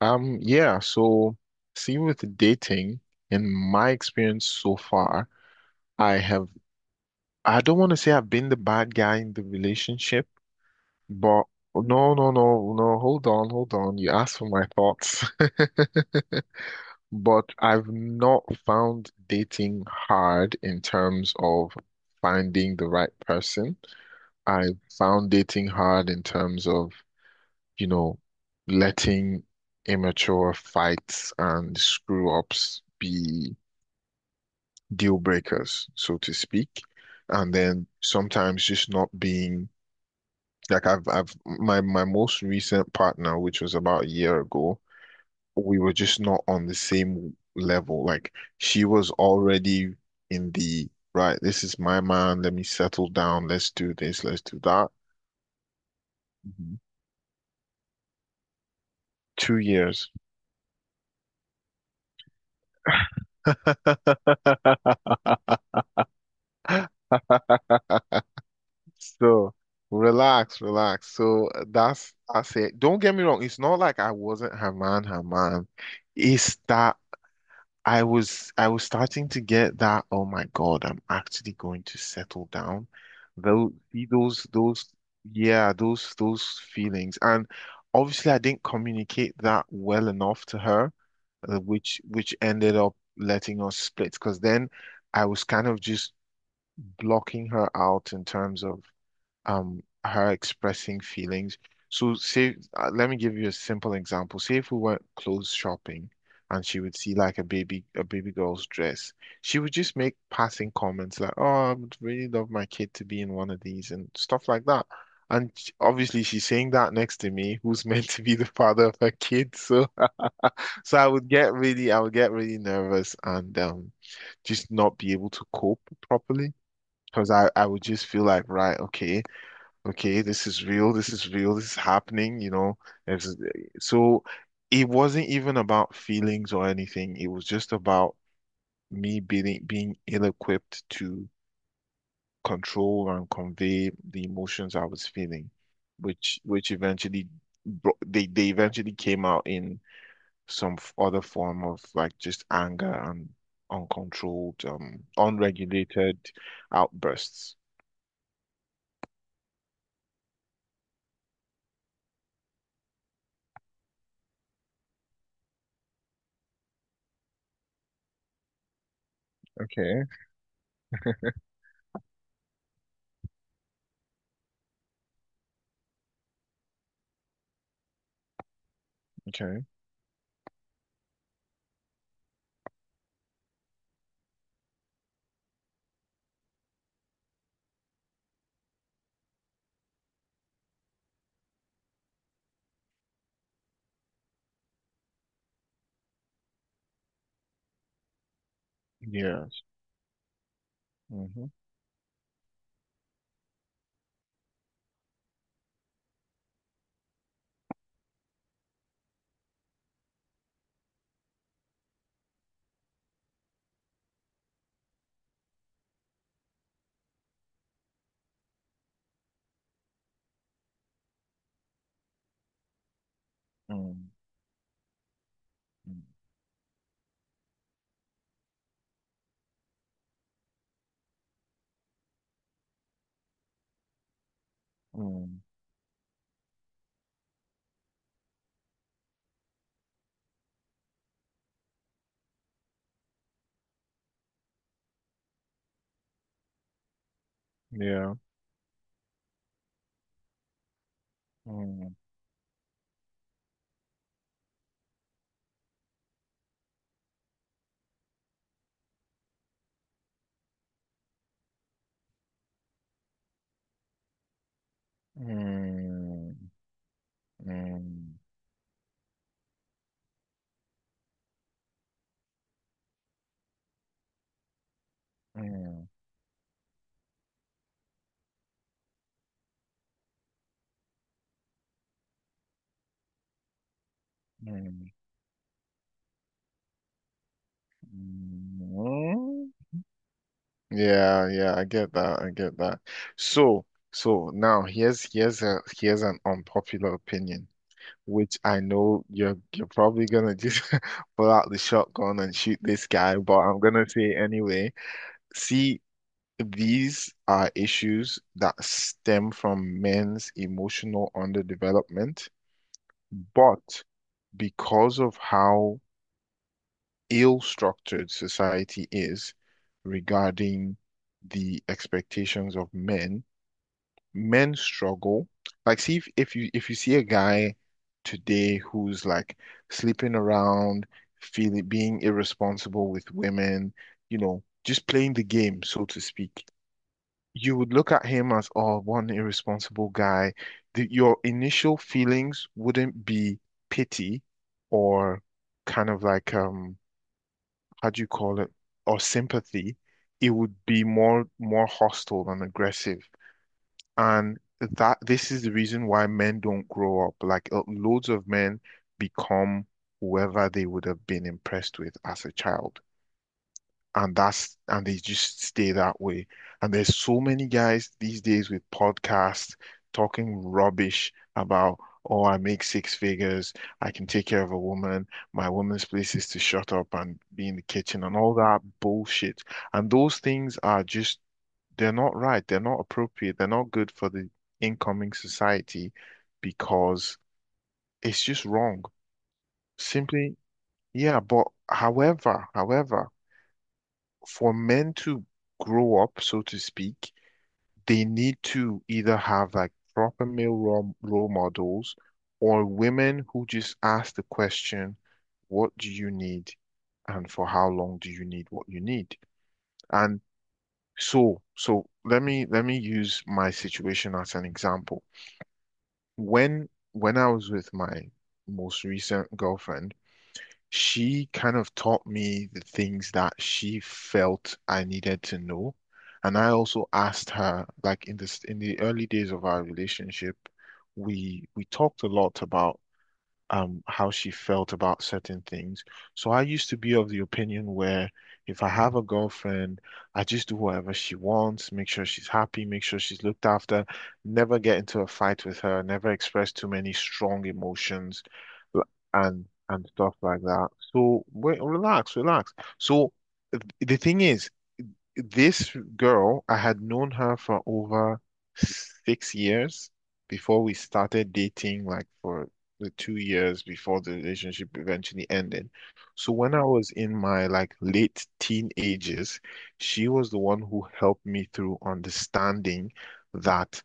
Yeah, so see with dating, in my experience so far, I have I don't want to say I've been the bad guy in the relationship, but no, no, no, no, hold on, hold on. You asked for my thoughts. But I've not found dating hard in terms of finding the right person. I found dating hard in terms of you know, letting immature fights and screw ups be deal breakers, so to speak. And then sometimes just not being like I've my most recent partner, which was about a year ago, we were just not on the same level. Like she was already in the right, this is my man, let me settle down, let's do this, let's do that. Mhm. 2 years. So relax, relax. So that's I said. Don't get me wrong. It's not like I wasn't her man, her man. It's that I was starting to get that, oh my God, I'm actually going to settle down. Those see those yeah, those feelings. And obviously I didn't communicate that well enough to her, which ended up letting us split because then I was kind of just blocking her out in terms of her expressing feelings. So say let me give you a simple example. Say if we went clothes shopping and she would see like a baby girl's dress, she would just make passing comments like, "Oh, I would really love my kid to be in one of these" and stuff like that. And obviously she's saying that next to me, who's meant to be the father of her kid. So so I would get really I would get really nervous and just not be able to cope properly because I would just feel like, right, okay okay, this is real, this is real, this is happening. It's, so it wasn't even about feelings or anything. It was just about me being ill-equipped to control and convey the emotions I was feeling, which eventually they eventually came out in some other form of like just anger and uncontrolled, unregulated outbursts. Okay, okay. Yeah. Mm-hmm. Mm-hmm. Mm, yeah. Mm, mm, mm, mm, mm, mm. Yeah, yeah, I get that. I get that. So, so now here's an unpopular opinion, which I know you're probably gonna just pull out the shotgun and shoot this guy, but I'm gonna say anyway. See, these are issues that stem from men's emotional underdevelopment. But because of how ill-structured society is regarding the expectations of men, men struggle. Like, see if, if you see a guy today who's like sleeping around, feeling being irresponsible with women, you know, just playing the game, so to speak you would look at him as, oh, one irresponsible guy. The, your initial feelings wouldn't be pity or kind of like, how do you call it? Or sympathy. It would be more hostile and aggressive. And that this is the reason why men don't grow up. Like loads of men become whoever they would have been impressed with as a child and that's and they just stay that way. And there's so many guys these days with podcasts talking rubbish about, oh, I make six figures, I can take care of a woman, my woman's place is to shut up and be in the kitchen and all that bullshit. And those things are just they're not right, they're not appropriate, they're not good for the incoming society because it's just wrong. Simply, yeah, but however, however for men to grow up, so to speak, they need to either have like proper male role, role models or women who just ask the question, what do you need? And for how long do you need what you need? And so, so let me use my situation as an example. When I was with my most recent girlfriend, she kind of taught me the things that she felt I needed to know. And I also asked her, like in this in the early days of our relationship, we talked a lot about how she felt about certain things. So I used to be of the opinion where if I have a girlfriend, I just do whatever she wants, make sure she's happy, make sure she's looked after, never get into a fight with her, never express too many strong emotions l- and stuff like that. So wait, relax, relax. So the thing is this girl, I had known her for over 6 years before we started dating, like for the 2 years before the relationship eventually ended. So when I was in my like late teenagers, she was the one who helped me through understanding that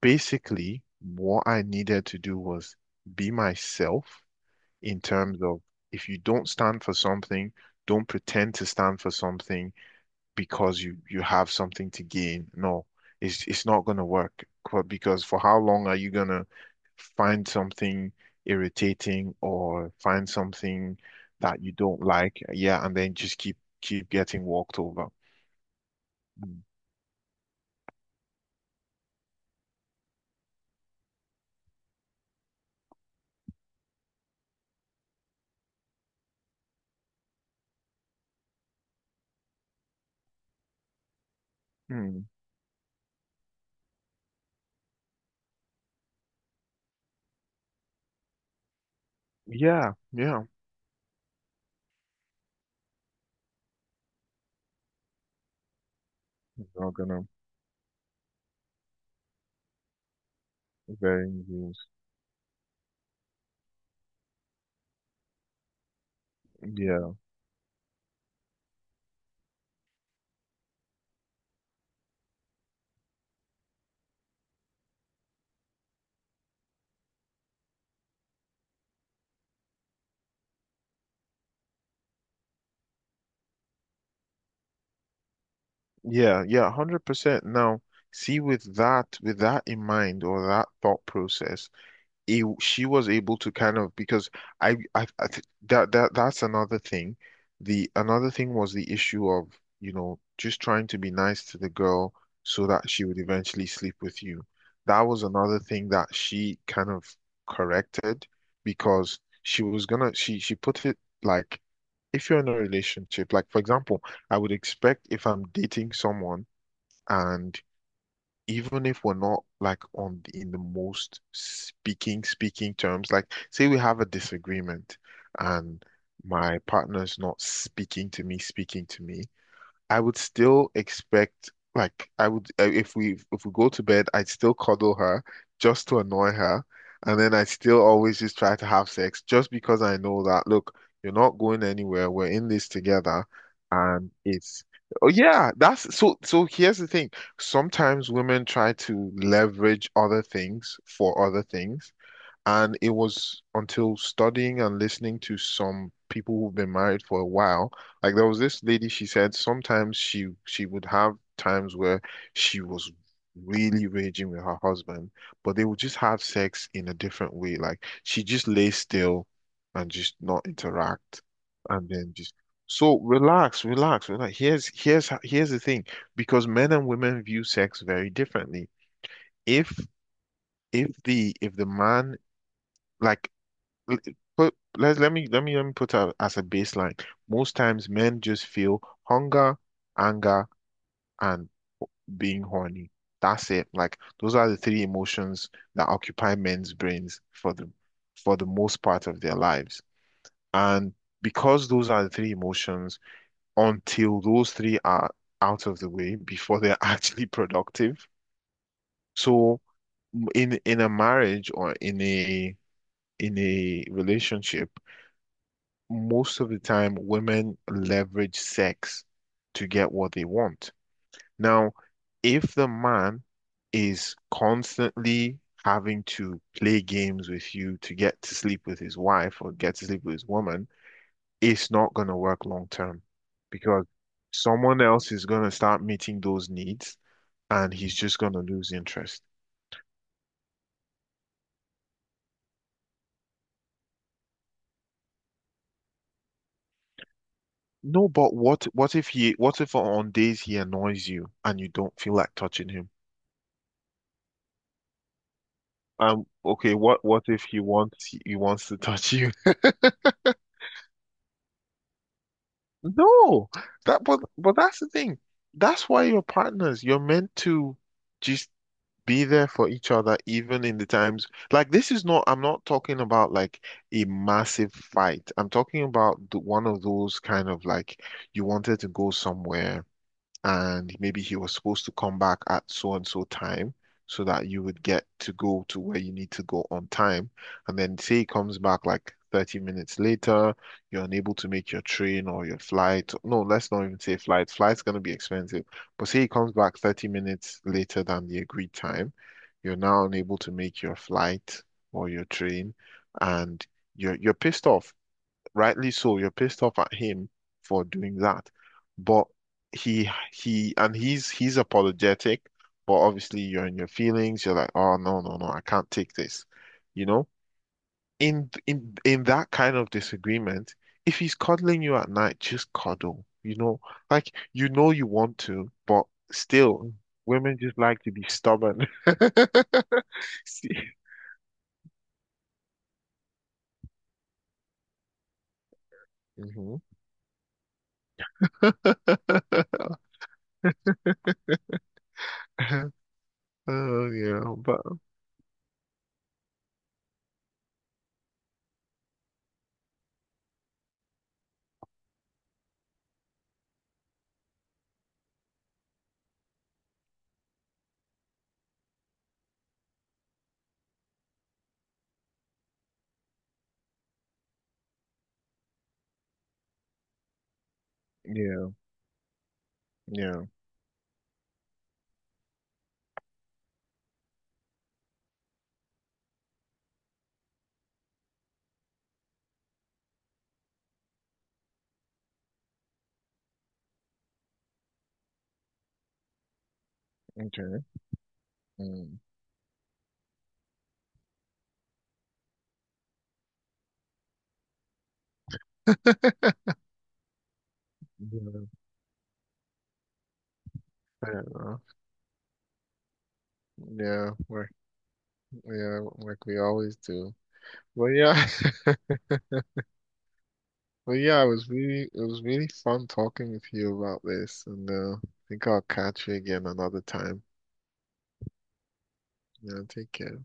basically what I needed to do was be myself in terms of if you don't stand for something, don't pretend to stand for something because you have something to gain. No, it's not going to work. Because for how long are you going to find something irritating or find something that you don't like? Yeah, and then just keep getting walked over. Mm. Mm. Yeah, yeah. Not gonna very use. Yeah, yeah, yeah. 100%. Now, see, with that in mind, or that thought process, it, she was able to kind of because I th that that that's another thing. The another thing was the issue of, you know, just trying to be nice to the girl so that she would eventually sleep with you. That was another thing that she kind of corrected because she was gonna she put it like if you're in a relationship, like for example, I would expect if I'm dating someone and even if we're not like on the, in the most speaking terms like say we have a disagreement and my partner's not speaking to me I would still expect like I would if we go to bed, I'd still cuddle her just to annoy her, and then I'd still always just try to have sex just because I know that look, you're not going anywhere. We're in this together, and it's oh yeah, that's so so here's the thing. Sometimes women try to leverage other things for other things. And it was until studying and listening to some people who've been married for a while, like there was this lady, she said sometimes she would have times where she was really raging with her husband, but they would just have sex in a different way. Like she just lay still and just not interact and then just so relax, relax, relax. Here's the thing, because men and women view sex very differently. If if the man like l- put let's let me put out as a baseline. Most times men just feel hunger, anger, and being horny. That's it. Like those are the three emotions that occupy men's brains for the most part of their lives. And because those are the three emotions, until those three are out of the way before they're actually productive. So in a marriage or in a relationship most of the time, women leverage sex to get what they want. Now, if the man is constantly having to play games with you to get to sleep with his wife or get to sleep with his woman, it's not going to work long term because someone else is going to start meeting those needs and he's just going to lose interest. No, but what if he what if on days he annoys you and you don't feel like touching him? Okay, what if he wants to touch you? No, that but that's the thing. That's why you're partners. You're meant to just be there for each other, even in the times like this is not. I'm not talking about like a massive fight. I'm talking about the, one of those kind of like you wanted to go somewhere. And maybe he was supposed to come back at so and so time so that you would get to go to where you need to go on time. And then say he comes back like 30 minutes later, you're unable to make your train or your flight. No, let's not even say flight. Flight's going to be expensive. But say he comes back 30 minutes later than the agreed time, you're now unable to make your flight or your train and you're pissed off rightly so, you're pissed off at him for doing that. But he and he's apologetic, but obviously you're in your feelings, you're like, oh no, no, no, I can't take this. You know? In that kind of disagreement, if he's cuddling you at night, just cuddle. You know, like you know you want to, but still, women just like to be stubborn. See? Mhm. Oh yeah, but yeah, yeah. Okay. Mm. Yeah, fair enough. Yeah, like yeah, like we always do. But yeah, but yeah, it was really fun talking with you about this, and I think I'll catch you again another time. Yeah, take care.